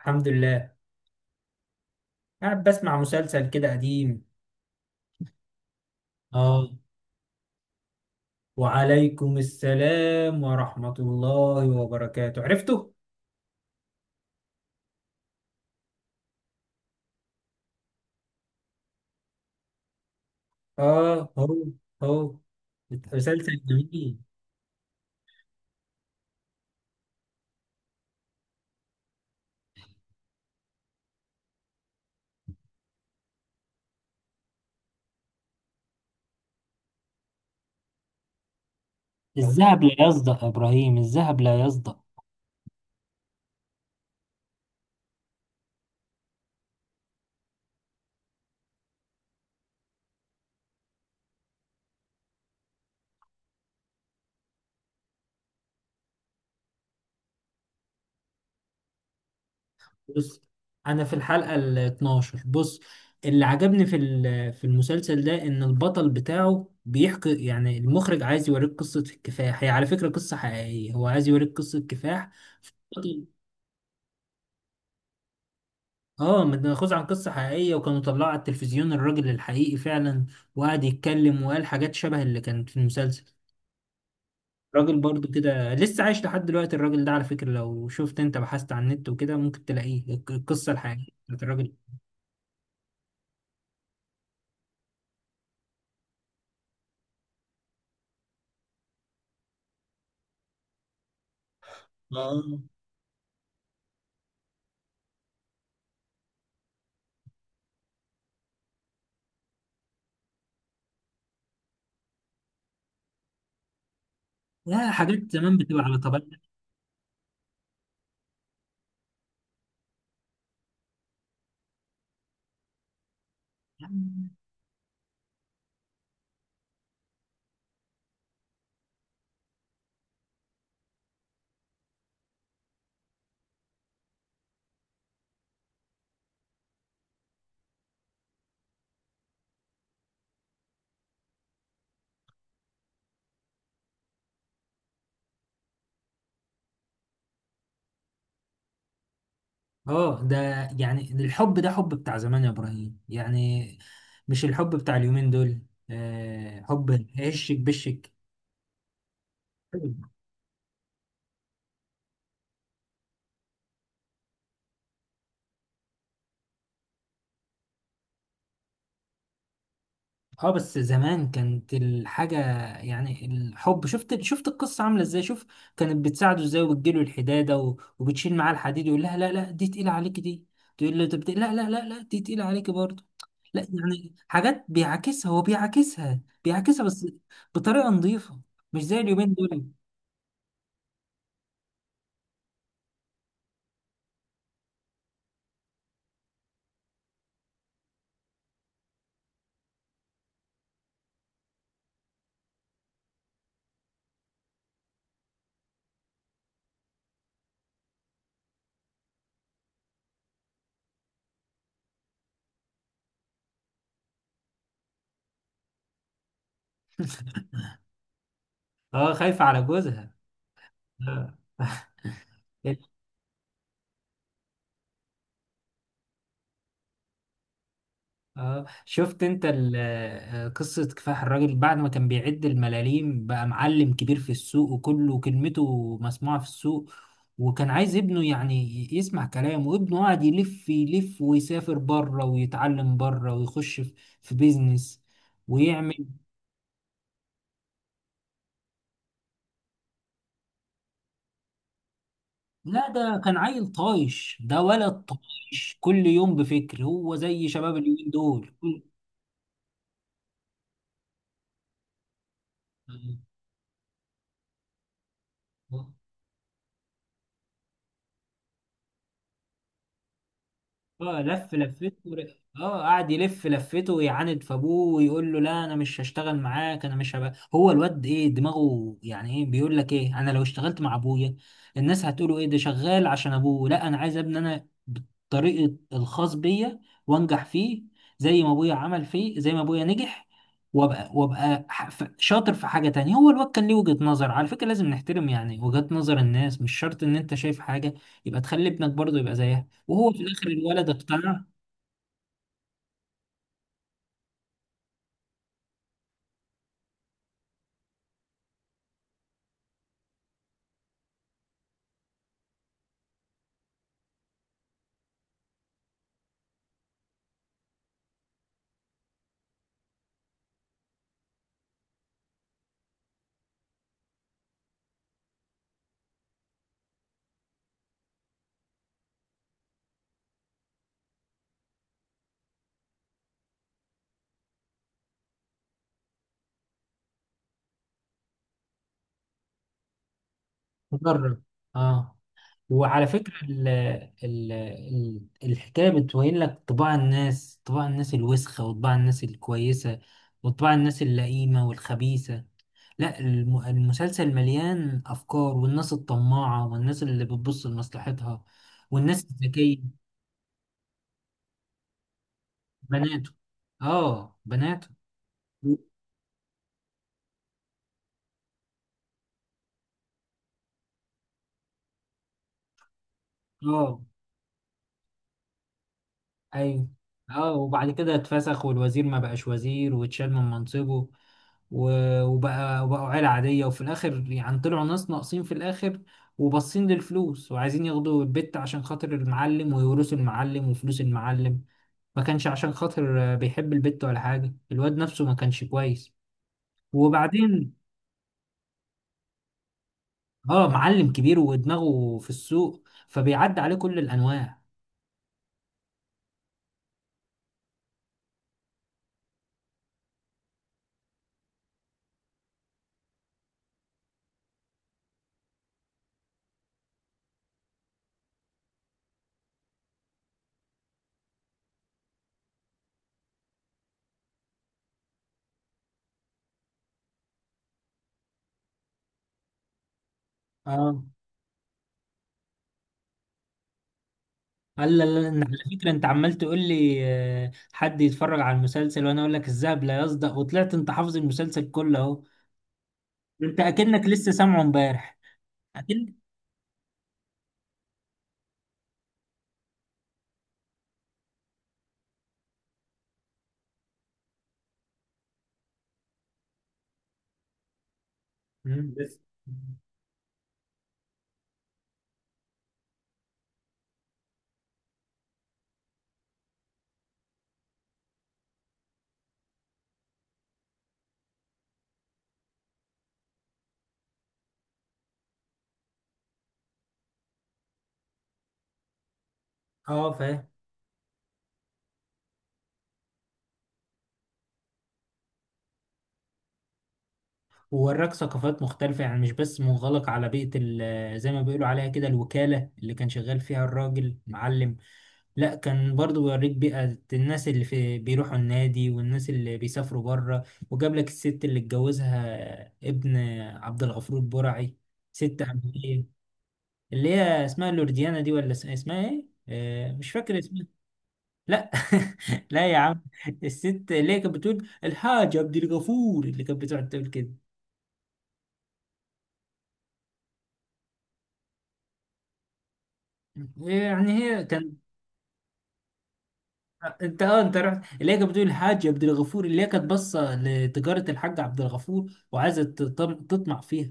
الحمد لله. قاعد بسمع مسلسل كده قديم. اه. وعليكم السلام ورحمة الله وبركاته. عرفته؟ اه، هو هو. مسلسل جميل. الذهب لا يصدأ يا ابراهيم، الذهب لا يصدأ. بص، انا في الحلقة ال 12. بص، اللي عجبني في المسلسل ده ان البطل بتاعه بيحكي، يعني المخرج عايز يوريك قصة الكفاح. هي على فكرة قصة حقيقية، هو عايز يوريك قصة كفاح. اه، متاخوذ عن قصه حقيقيه، وكانوا طلعوا على التلفزيون الراجل الحقيقي فعلا. وقعد يتكلم وقال حاجات شبه اللي كانت في المسلسل. راجل برضو كده لسه عايش لحد دلوقتي الراجل ده، على فكره لو شفت انت بحثت عن النت وكده ممكن تلاقيه القصه الحقيقيه بتاعت الراجل. اه. لا، حاجات زمان بتبقى على طبيعتها. اه ده. يعني الحب ده حب بتاع زمان يا ابراهيم، يعني مش الحب بتاع اليومين دول. آه، حب هشك بشك. اه، بس زمان كانت الحاجة يعني الحب، شفت القصة عاملة ازاي، شوف كانت بتساعده ازاي، وبتجيله الحدادة وبتشيل معاه الحديد، يقول لها لا لا دي تقيلة عليك دي، تقول له طب لا لا لا لا دي تقيلة عليك برضه. لا يعني حاجات بيعاكسها، هو بيعاكسها بيعاكسها بس بطريقة نظيفة، مش زي اليومين دول. اه، خايفة على جوزها. آه. اه، شفت انت قصة كفاح الراجل بعد ما كان بيعد الملاليم بقى معلم كبير في السوق وكله كلمته مسموعة في السوق. وكان عايز ابنه يعني يسمع كلامه، وابنه قاعد يلف يلف ويسافر بره ويتعلم بره ويخش في في بيزنس ويعمل. لا، ده كان عيل طايش، ده ولد طايش، كل يوم بفكر، هو زي شباب اليومين دول. اه، قعد يلف لفته ويعاند في ابوه ويقول له لا انا مش هشتغل معاك، انا مش هبقى، هو الواد ايه دماغه، يعني ايه بيقول لك ايه، انا لو اشتغلت مع ابويا الناس هتقولوا ايه، ده شغال عشان ابوه، لا انا عايز ابني انا بالطريقه الخاص بيا، وانجح فيه زي ما ابويا عمل فيه، زي ما ابويا نجح، وابقى وابقى شاطر في حاجه تانية. هو الواد كان ليه وجهه نظر، على فكره لازم نحترم يعني وجهات نظر الناس، مش شرط ان انت شايف حاجه يبقى تخلي ابنك برضه يبقى زيها. وهو في الاخر الولد اقتنع وجرب. اه، وعلى فكره ال ال ال الحكايه بتبين لك طباع الناس، طباع الناس الوسخه، وطباع الناس الكويسه، وطباع الناس اللئيمه والخبيثه. لا، المسلسل مليان افكار، والناس الطماعه، والناس اللي بتبص لمصلحتها، والناس الذكيه. بناته، اه بناته. اه، ايوه. اه، وبعد كده اتفسخ، والوزير ما بقاش وزير واتشال من منصبه، وبقوا عيلة عادية، وفي الآخر يعني طلعوا ناس ناقصين في الآخر، وباصين للفلوس وعايزين ياخدوا البت عشان خاطر المعلم، ويورثوا المعلم وفلوس المعلم، ما كانش عشان خاطر آه، بيحب البت ولا حاجة، الواد نفسه ما كانش كويس. وبعدين اه معلم كبير ودماغه في السوق فبيعدي عليه كل الأنواع. اه، قال لا لا لا، إن على فكرة انت عمال تقول لي آه، حد يتفرج على المسلسل وانا اقول لك الذهب لا يصدأ، وطلعت انت حافظ المسلسل كله اهو. انت اكنك لسه سامعه امبارح. اكن. مم، بس. اه، فاهم. ووراك ثقافات مختلفة، يعني مش بس منغلق على بيئة زي ما بيقولوا عليها كده الوكالة اللي كان شغال فيها الراجل معلم. لا، كان برضو بيوريك بيئة الناس اللي في بيروحوا النادي، والناس اللي بيسافروا بره. وجاب لك الست اللي اتجوزها ابن عبد الغفور برعي، ست أمريكية. اللي هي اسمها لورديانا دي، ولا اسمها ايه؟ آه، مش فاكر اسمها. لا. لا يا عم. الست اللي هي كانت بتقول الحاجة عبد الغفور، اللي كانت بتقعد تقول كده. يعني هي كان. انت اه انت رحت، اللي هي كانت بتقول الحاج عبد الغفور، اللي هي كانت باصه لتجاره الحاج عبد الغفور وعايزه تطمع فيها.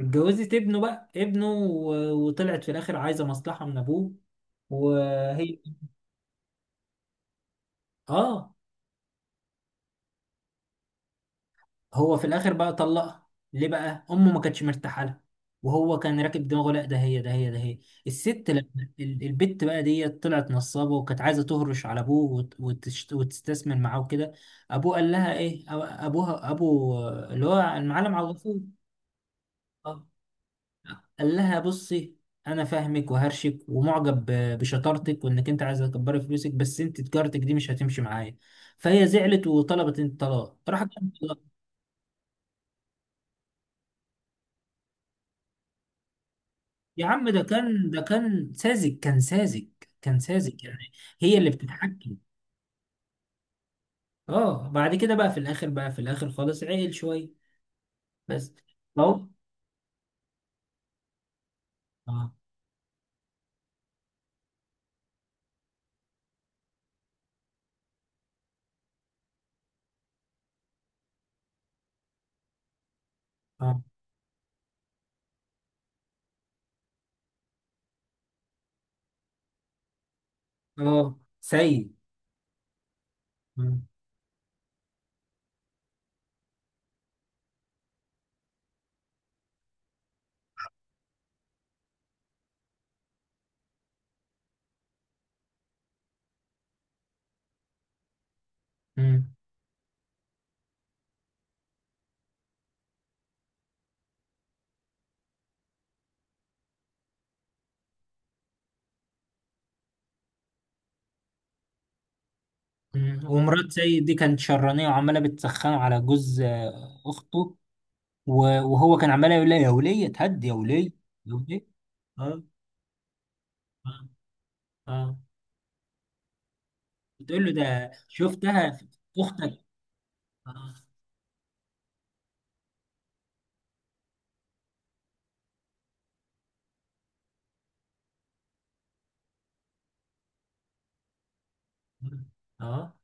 اتجوزت ابنه بقى، ابنه وطلعت في الاخر عايزه مصلحه من ابوه. وهي اه هو في الاخر بقى طلقها. ليه بقى؟ امه ما كانتش مرتاحه لها، وهو كان راكب دماغه، لا ده هي ده هي ده هي. الست لما البت بقى ديت طلعت نصابه، وكانت عايزه تهرش على ابوه وتستثمر معاه وكده. ابوه قال لها ايه، ابوها، ابو اللي هو المعلم عبد الغفور. قال لها بصي، انا فاهمك وهرشك ومعجب بشطارتك، وانك انت عايزه تكبري فلوسك، بس انت تجارتك دي مش هتمشي معايا. فهي زعلت وطلبت الطلاق، راح كان طلاق. يا عم ده كان ساذج، كان ساذج، كان ساذج يعني، هي اللي بتتحكم. اه، بعد كده بقى في الاخر، خالص عيل شويه بس. اهو. اه. اه. اه، سيد. مم. مم. مم. ومرات سيد دي كانت شرانية، وعمالة بتسخنه على جوز آه، أخته. وهو كان عمال يقول لي يا وليه اتهد يا وليه، يا وليه. اه. اه. اه. بتقول له ده شفتها في اختك. اه. اه.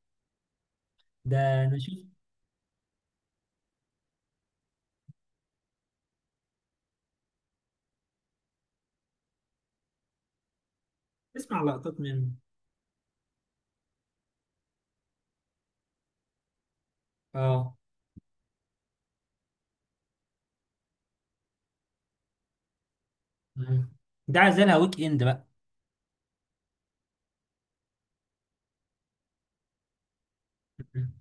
ده انا شفت. اسمع لقطات منه. اه. مم. ده عزلها ويك اند بقى. مم.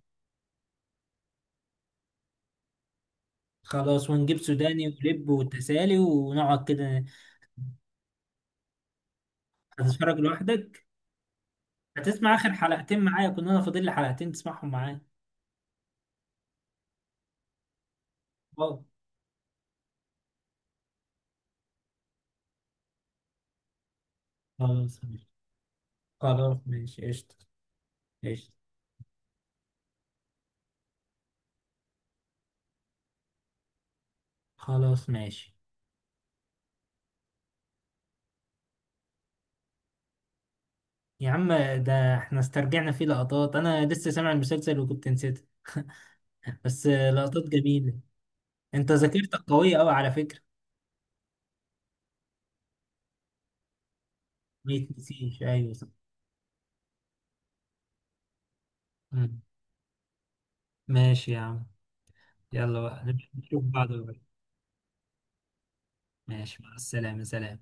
خلاص، ونجيب سوداني ولب وتسالي ونقعد كده. هتتفرج لوحدك. هتسمع اخر حلقتين معايا، كنا انا فاضل لي حلقتين تسمعهم معايا. اه. خلاص ماشي. خلاص ماشي قشطة. قشطة. خلاص ماشي يا عم. ده احنا استرجعنا فيه لقطات، انا لسه سامع المسلسل وكنت نسيتها. بس آه، لقطات جميلة. انت ذاكرتك قوية قوي على فكرة. ما يتنسيش، ايوه صح. مم. ماشي يا عم. يلا بقى، نشوف بعض بقى. ماشي، مع السلامة، سلام.